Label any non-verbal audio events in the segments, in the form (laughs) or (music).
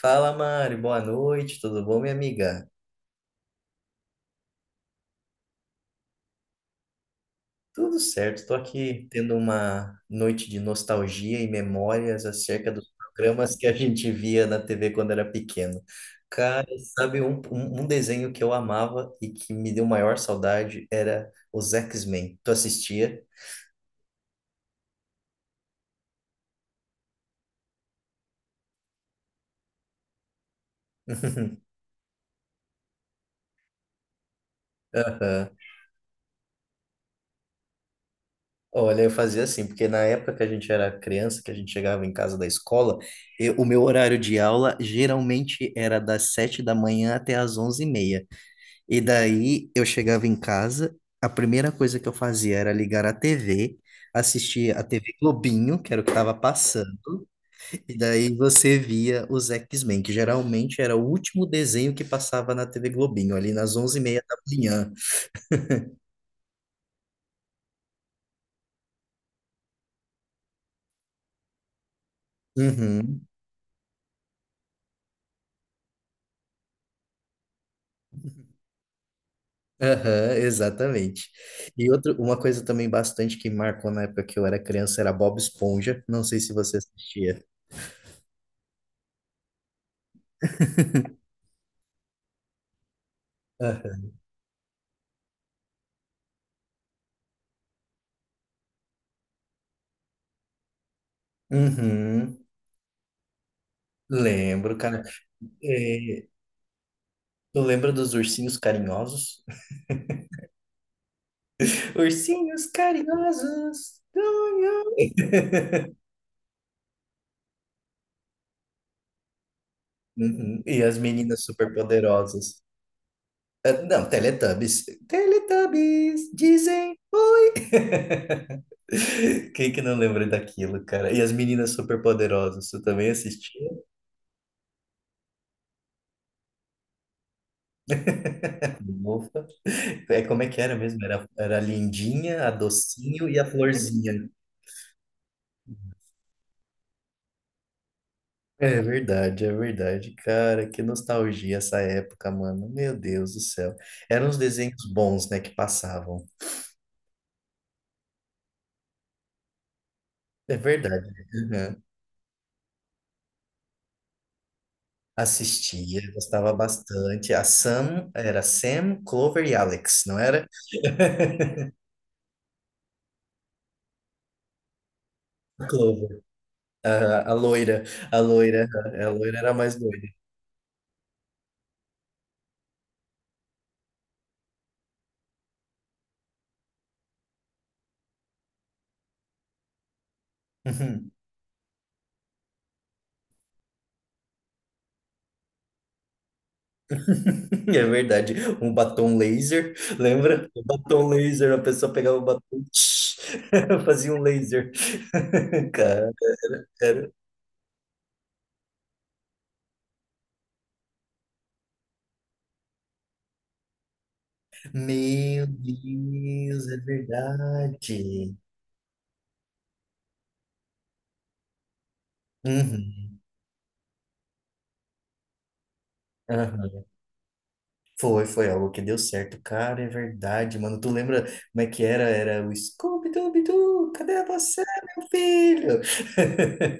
Fala, Mari, boa noite, tudo bom, minha amiga? Tudo certo, estou aqui tendo uma noite de nostalgia e memórias acerca dos programas que a gente via na TV quando era pequeno. Cara, sabe um desenho que eu amava e que me deu maior saudade era os X-Men. Tu assistia? (laughs) Aham. Olha, eu fazia assim, porque na época que a gente era criança, que a gente chegava em casa da escola, o meu horário de aula geralmente era das 7 da manhã até às 11h30. E daí eu chegava em casa, a primeira coisa que eu fazia era ligar a TV, assistir a TV Globinho, que era o que estava passando, e daí você via os X-Men, que geralmente era o último desenho que passava na TV Globinho, ali nas 11h30 da manhã. Uhum. Aham, exatamente. E outra, uma coisa também bastante que marcou na época que eu era criança era Bob Esponja. Não sei se você assistia. Aham. Uhum. Lembro, cara. É, tu lembra dos ursinhos carinhosos? (laughs) Ursinhos carinhosos. Uhum. E as meninas superpoderosas. Ah, não, Teletubbies. Teletubbies, dizem. (laughs) Quem que não lembra daquilo, cara? E as meninas superpoderosas, tu também assistia? Ufa. É, como é que era mesmo? Era a Lindinha, a Docinho e a Florzinha. É verdade, é verdade. Cara, que nostalgia essa época, mano. Meu Deus do céu. Eram uns desenhos bons, né, que passavam. É verdade. Uhum. Assistia, gostava bastante. A Sam, era Sam, Clover e Alex, não era? (laughs) A Clover, a, a loira, a loira, a loira era a mais doida. Uhum. (laughs) É verdade. Um batom laser, lembra? O batom laser, a pessoa pegava o batom, (laughs) fazia um laser. (laughs) Cara, cara. Meu Deus, é verdade. Uhum. Aham. Foi algo que deu certo. Cara, é verdade, mano. Tu lembra como é que era? Era o Scooby-Dooby-Doo, cadê você, meu filho? (laughs)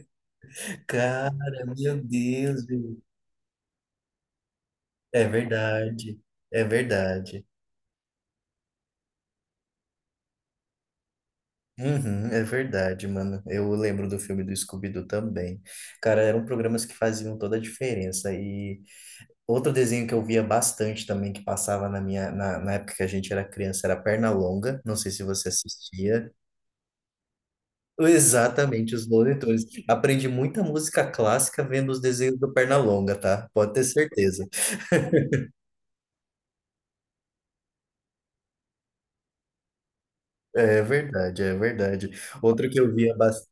Cara, meu Deus, velho. É verdade, é verdade. Uhum, é verdade, mano. Eu lembro do filme do Scooby-Doo também. Cara, eram programas que faziam toda a diferença. E outro desenho que eu via bastante também, que passava na na época que a gente era criança, era Pernalonga. Não sei se você assistia. Exatamente, os monitores. Aprendi muita música clássica vendo os desenhos do Pernalonga, tá? Pode ter certeza. É verdade, é verdade. Outra que eu via bas-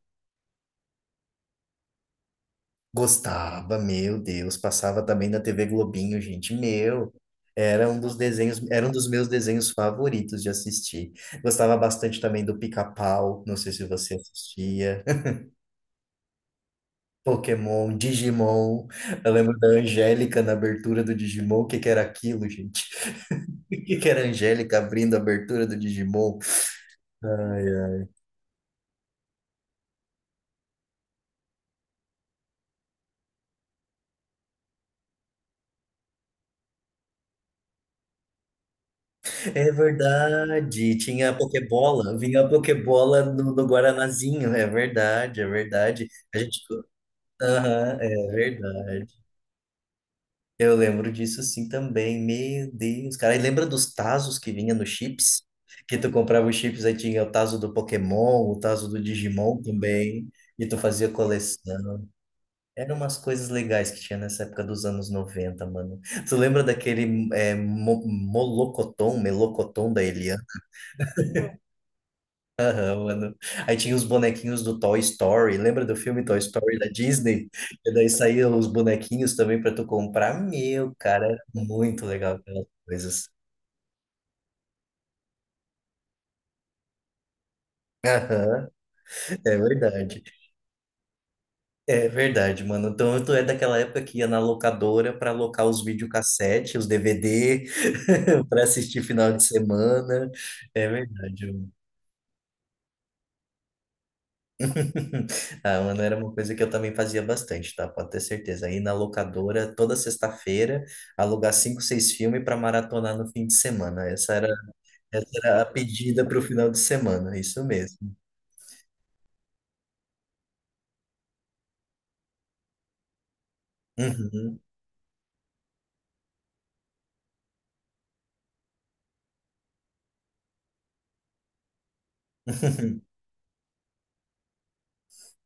Gostava, meu Deus, passava também na TV Globinho, gente. Meu, era um dos desenhos, era um dos meus desenhos favoritos de assistir. Gostava bastante também do Pica-Pau, não sei se você assistia. (laughs) Pokémon, Digimon. Eu lembro da Angélica na abertura do Digimon, o que que era aquilo, gente? (laughs) O que que era a Angélica abrindo a abertura do Digimon? Ai, ai. É verdade, tinha a Pokébola, vinha a Pokébola no Guaranazinho, é verdade, é verdade. A gente, aham, é verdade. Eu lembro disso sim também, meu Deus, cara. E lembra dos Tazos que vinha no Chips? Que tu comprava os chips, aí tinha o Tazo do Pokémon, o Tazo do Digimon também, e tu fazia coleção. Eram umas coisas legais que tinha nessa época dos anos 90, mano. Tu lembra daquele é, Molocoton, Melocoton da Eliana, mano? Aí tinha os bonequinhos do Toy Story. Lembra do filme Toy Story da Disney? E daí saíam os bonequinhos também pra tu comprar. Meu, cara, era muito legal aquelas coisas. Aham, é verdade. É verdade, mano. Então, tu é daquela época que ia na locadora para alocar os videocassete, os DVD, (laughs) para assistir final de semana. É verdade, mano. (laughs) Ah, mano, era uma coisa que eu também fazia bastante, tá? Pode ter certeza. Ir na locadora toda sexta-feira, alugar cinco, seis filmes para maratonar no fim de semana. Essa era a pedida para o final de semana, isso mesmo. Uhum. (laughs)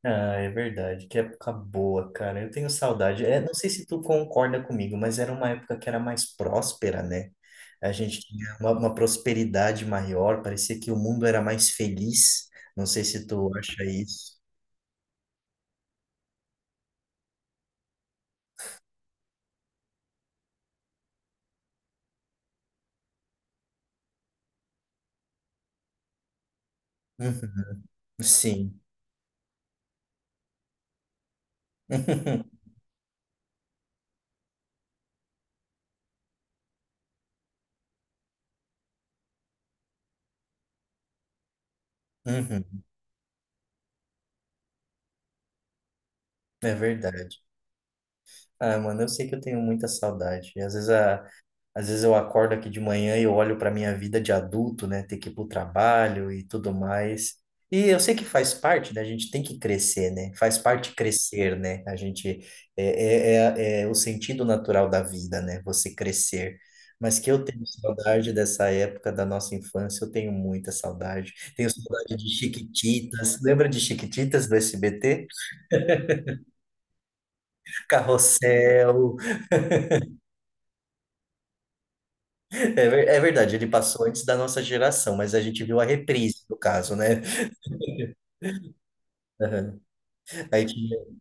Ah, é verdade, que época boa, cara. Eu tenho saudade. É, não sei se tu concorda comigo, mas era uma época que era mais próspera, né? A gente tinha uma prosperidade maior, parecia que o mundo era mais feliz. Não sei se tu acha isso. Uhum, sim. (laughs) Uhum, é verdade. Ah, mano, eu sei que eu tenho muita saudade. E às vezes às vezes eu acordo aqui de manhã e eu olho para minha vida de adulto, né? Ter que ir para o trabalho e tudo mais. E eu sei que faz parte, né? A gente tem que crescer, né? Faz parte crescer, né? A gente é o sentido natural da vida, né? Você crescer. Mas que eu tenho saudade dessa época da nossa infância, eu tenho muita saudade. Tenho saudade de Chiquititas. Lembra de Chiquititas do SBT? Carrossel. É, é verdade, ele passou antes da nossa geração, mas a gente viu a reprise, no caso, né? Aham. Aí tinha.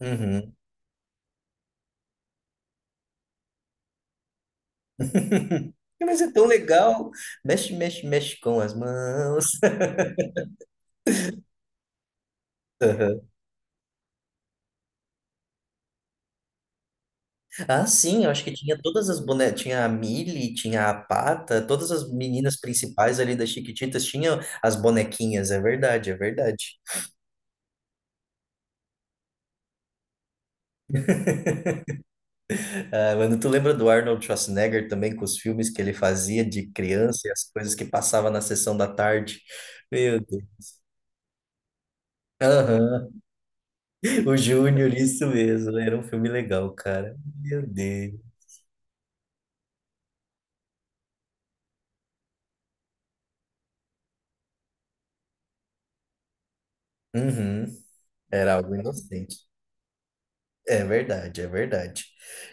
Uhum. (laughs) Mas é tão legal. Mexe, mexe, mexe com as mãos. (laughs) Aham. Ah, sim, eu acho que tinha todas as bonecas. Tinha a Millie, tinha a Pata, todas as meninas principais ali das Chiquititas tinham as bonequinhas, é verdade, é verdade. Ah, mano, tu lembra do Arnold Schwarzenegger também com os filmes que ele fazia de criança e as coisas que passava na sessão da tarde? Meu Deus. Aham. O Júnior, isso mesmo. Era um filme legal, cara. Meu Deus. Uhum. Era algo inocente. É verdade, é verdade.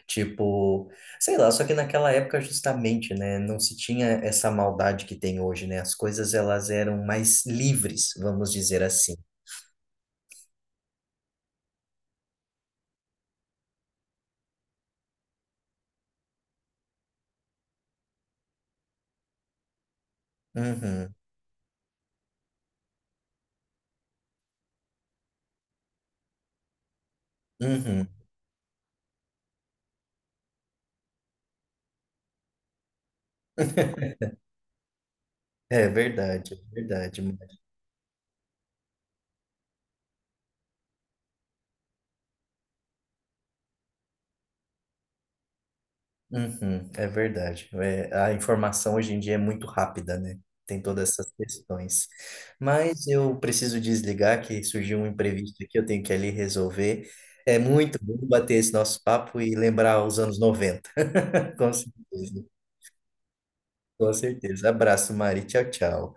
Tipo, sei lá, só que naquela época justamente, né, não se tinha essa maldade que tem hoje, né? As coisas elas eram mais livres, vamos dizer assim. Uhum. Uhum. (laughs) É verdade, é verdade. Uhum, é verdade. É, a informação hoje em dia é muito rápida, né? Tem todas essas questões. Mas eu preciso desligar, que surgiu um imprevisto aqui, eu tenho que ali resolver. É muito bom bater esse nosso papo e lembrar os anos 90. (laughs) Com certeza, com certeza. Abraço, Mari. Tchau, tchau.